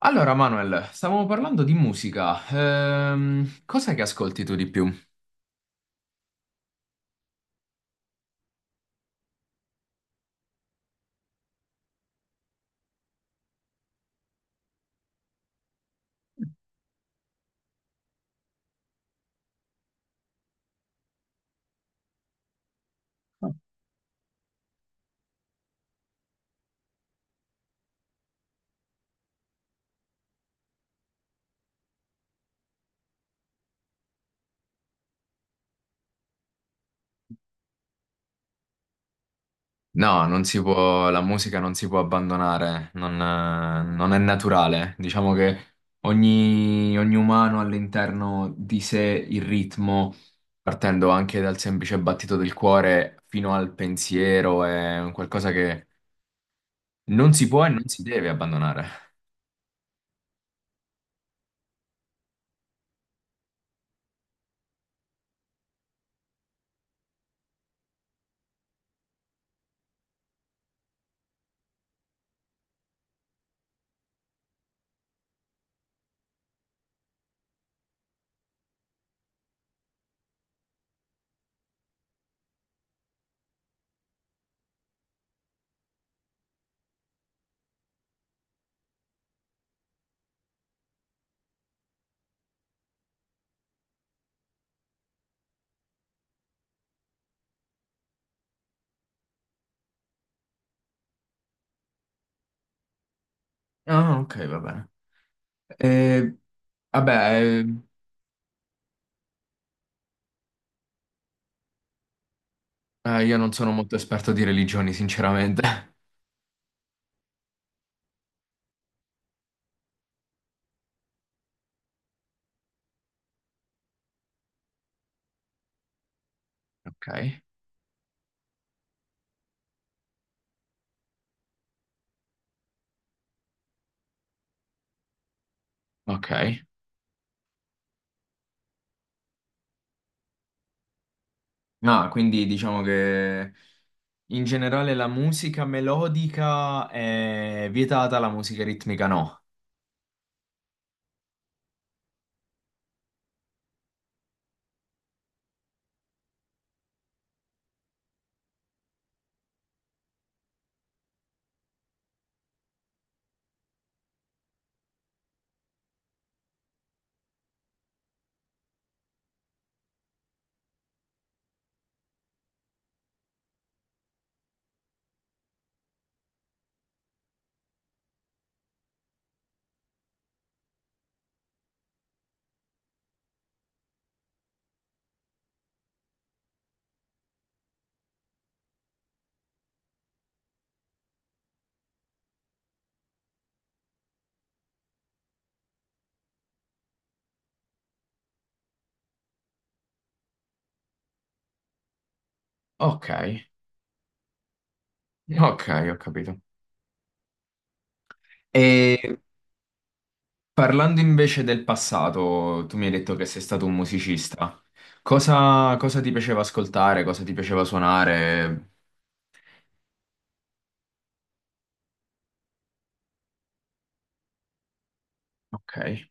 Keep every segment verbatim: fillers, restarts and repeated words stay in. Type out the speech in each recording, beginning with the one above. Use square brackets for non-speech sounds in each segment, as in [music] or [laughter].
Allora, Manuel, stavamo parlando di musica. Ehm, cos'è che ascolti tu di più? No, non si può, la musica non si può abbandonare, non, eh, non è naturale. Diciamo che ogni, ogni umano ha all'interno di sé il ritmo, partendo anche dal semplice battito del cuore fino al pensiero, è un qualcosa che non si può e non si deve abbandonare. Ah, ok, va bene. Eh, vabbè, eh, eh, io non sono molto esperto di religioni, sinceramente. [laughs] Ok, ok. No, quindi diciamo che in generale la musica melodica è vietata, la musica ritmica no. Ok, ok, ho capito. E parlando invece del passato, tu mi hai detto che sei stato un musicista. Cosa, cosa ti piaceva ascoltare? Cosa ti piaceva suonare? Ok. Eh,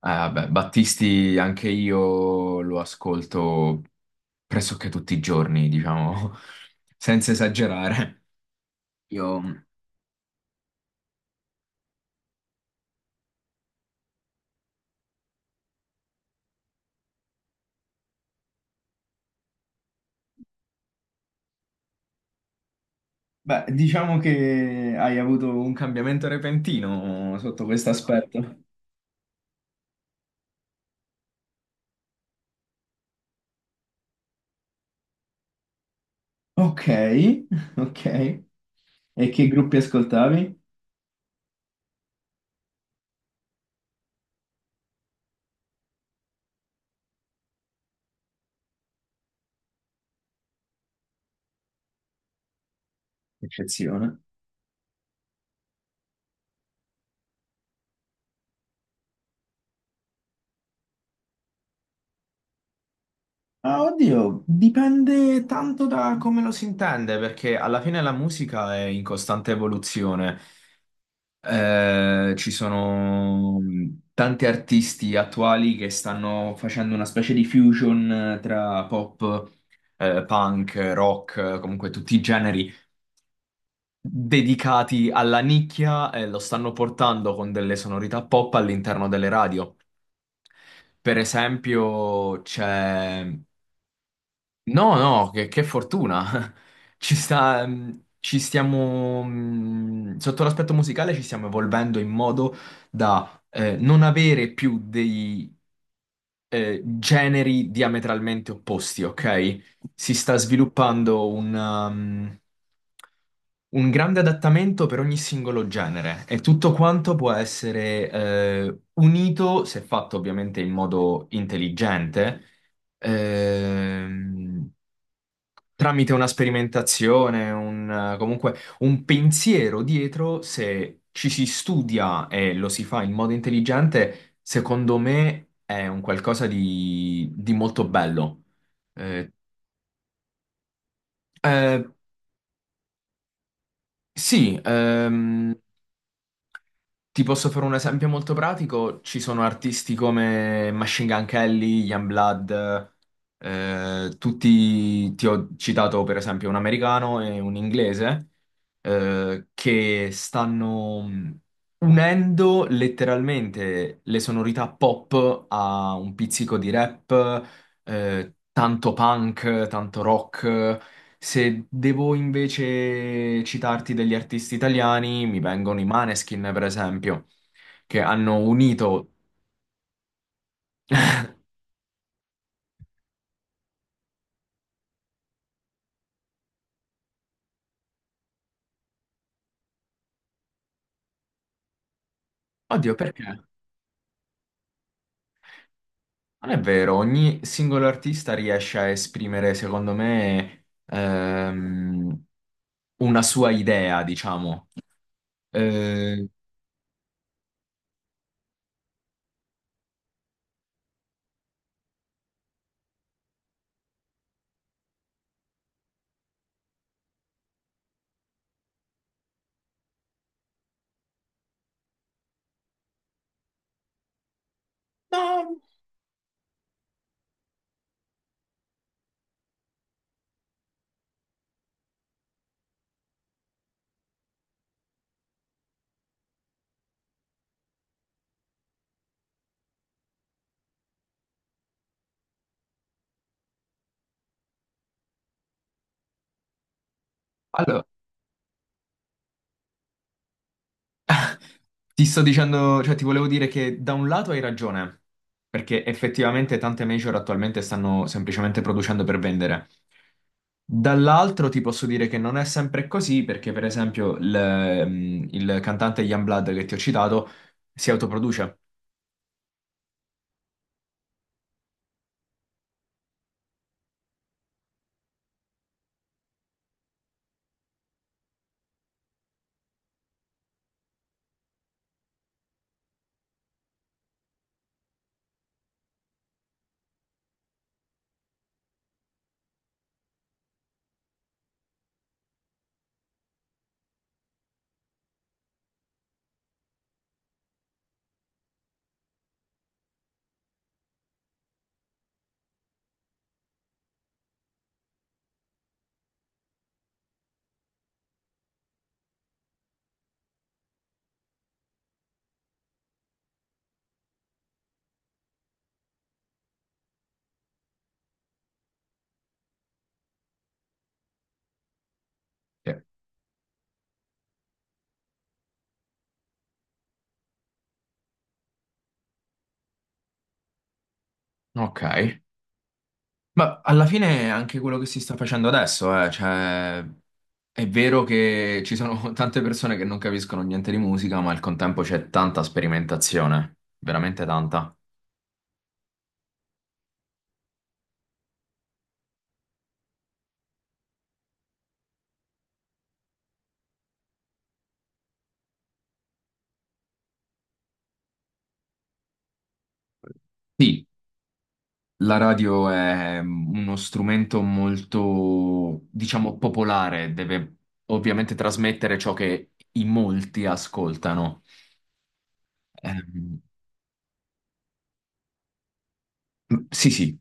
vabbè, Battisti anche io lo ascolto pressoché tutti i giorni, diciamo, [laughs] senza esagerare. Io, beh, diciamo che hai avuto un cambiamento repentino sotto questo aspetto. Ok, [laughs] ok. E che gruppi ascoltavi? Eccezione. Ah, oddio, dipende tanto da come lo si intende, perché alla fine la musica è in costante evoluzione. Eh, ci sono mh, tanti artisti attuali che stanno facendo una specie di fusion eh, tra pop, eh, punk, rock, eh, comunque tutti i generi dedicati alla nicchia e lo stanno portando con delle sonorità pop all'interno delle radio. Per esempio, c'è no, no, che, che fortuna. [laughs] Ci sta, mh, ci stiamo, mh, sotto l'aspetto musicale ci stiamo evolvendo in modo da eh, non avere più dei eh, generi diametralmente opposti, ok? Si sta sviluppando un, um, un grande adattamento per ogni singolo genere e tutto quanto può essere eh, unito, se fatto ovviamente in modo intelligente, ehm, tramite una sperimentazione, un, eh, comunque un pensiero dietro, se ci si studia e lo si fa in modo intelligente, secondo me è un qualcosa di, di molto bello. Eh, eh, sì, ehm, ti posso fare un esempio molto pratico? Ci sono artisti come Machine Gun Kelly, Youngblood, eh, tutti, ti ho citato per esempio un americano e un inglese, eh, che stanno mh, unendo letteralmente le sonorità pop a un pizzico di rap, eh, tanto punk, tanto rock. Se devo invece citarti degli artisti italiani, mi vengono i Maneskin, per esempio, che hanno unito... Oddio, perché? Non è vero, ogni singolo artista riesce a esprimere, secondo me, ehm, una sua idea, diciamo. Eh, no, allora, ti sto dicendo, cioè ti volevo dire che da un lato hai ragione, perché effettivamente tante major attualmente stanno semplicemente producendo per vendere. Dall'altro ti posso dire che non è sempre così, perché per esempio il, mm, il cantante Youngblood che ti ho citato si autoproduce. Sì. Ok. Ma alla fine è anche quello che si sta facendo adesso, eh, cioè... È vero che ci sono [laughs] tante persone che non capiscono niente di musica, ma al contempo c'è tanta sperimentazione, veramente tanta. Sì, la radio è uno strumento molto, diciamo, popolare, deve ovviamente trasmettere ciò che in molti ascoltano. Ehm, sì, sì,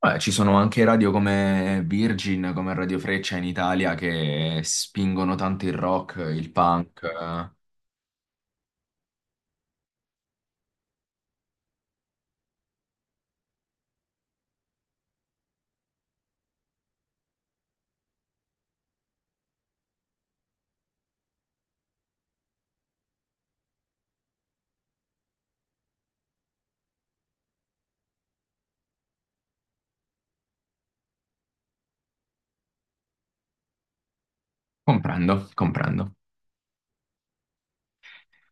beh, ci sono anche radio come Virgin, come Radio Freccia in Italia che spingono tanto il rock, il punk. Eh. Comprendo, comprendo.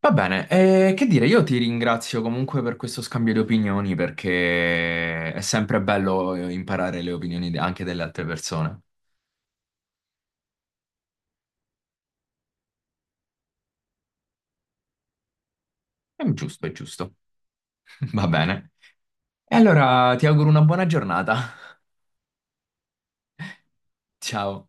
Va bene, eh, che dire, io ti ringrazio comunque per questo scambio di opinioni perché è sempre bello eh, imparare le opinioni de- anche delle altre persone. È giusto, è giusto. [laughs] Va bene. E allora ti auguro una buona giornata. [laughs] Ciao.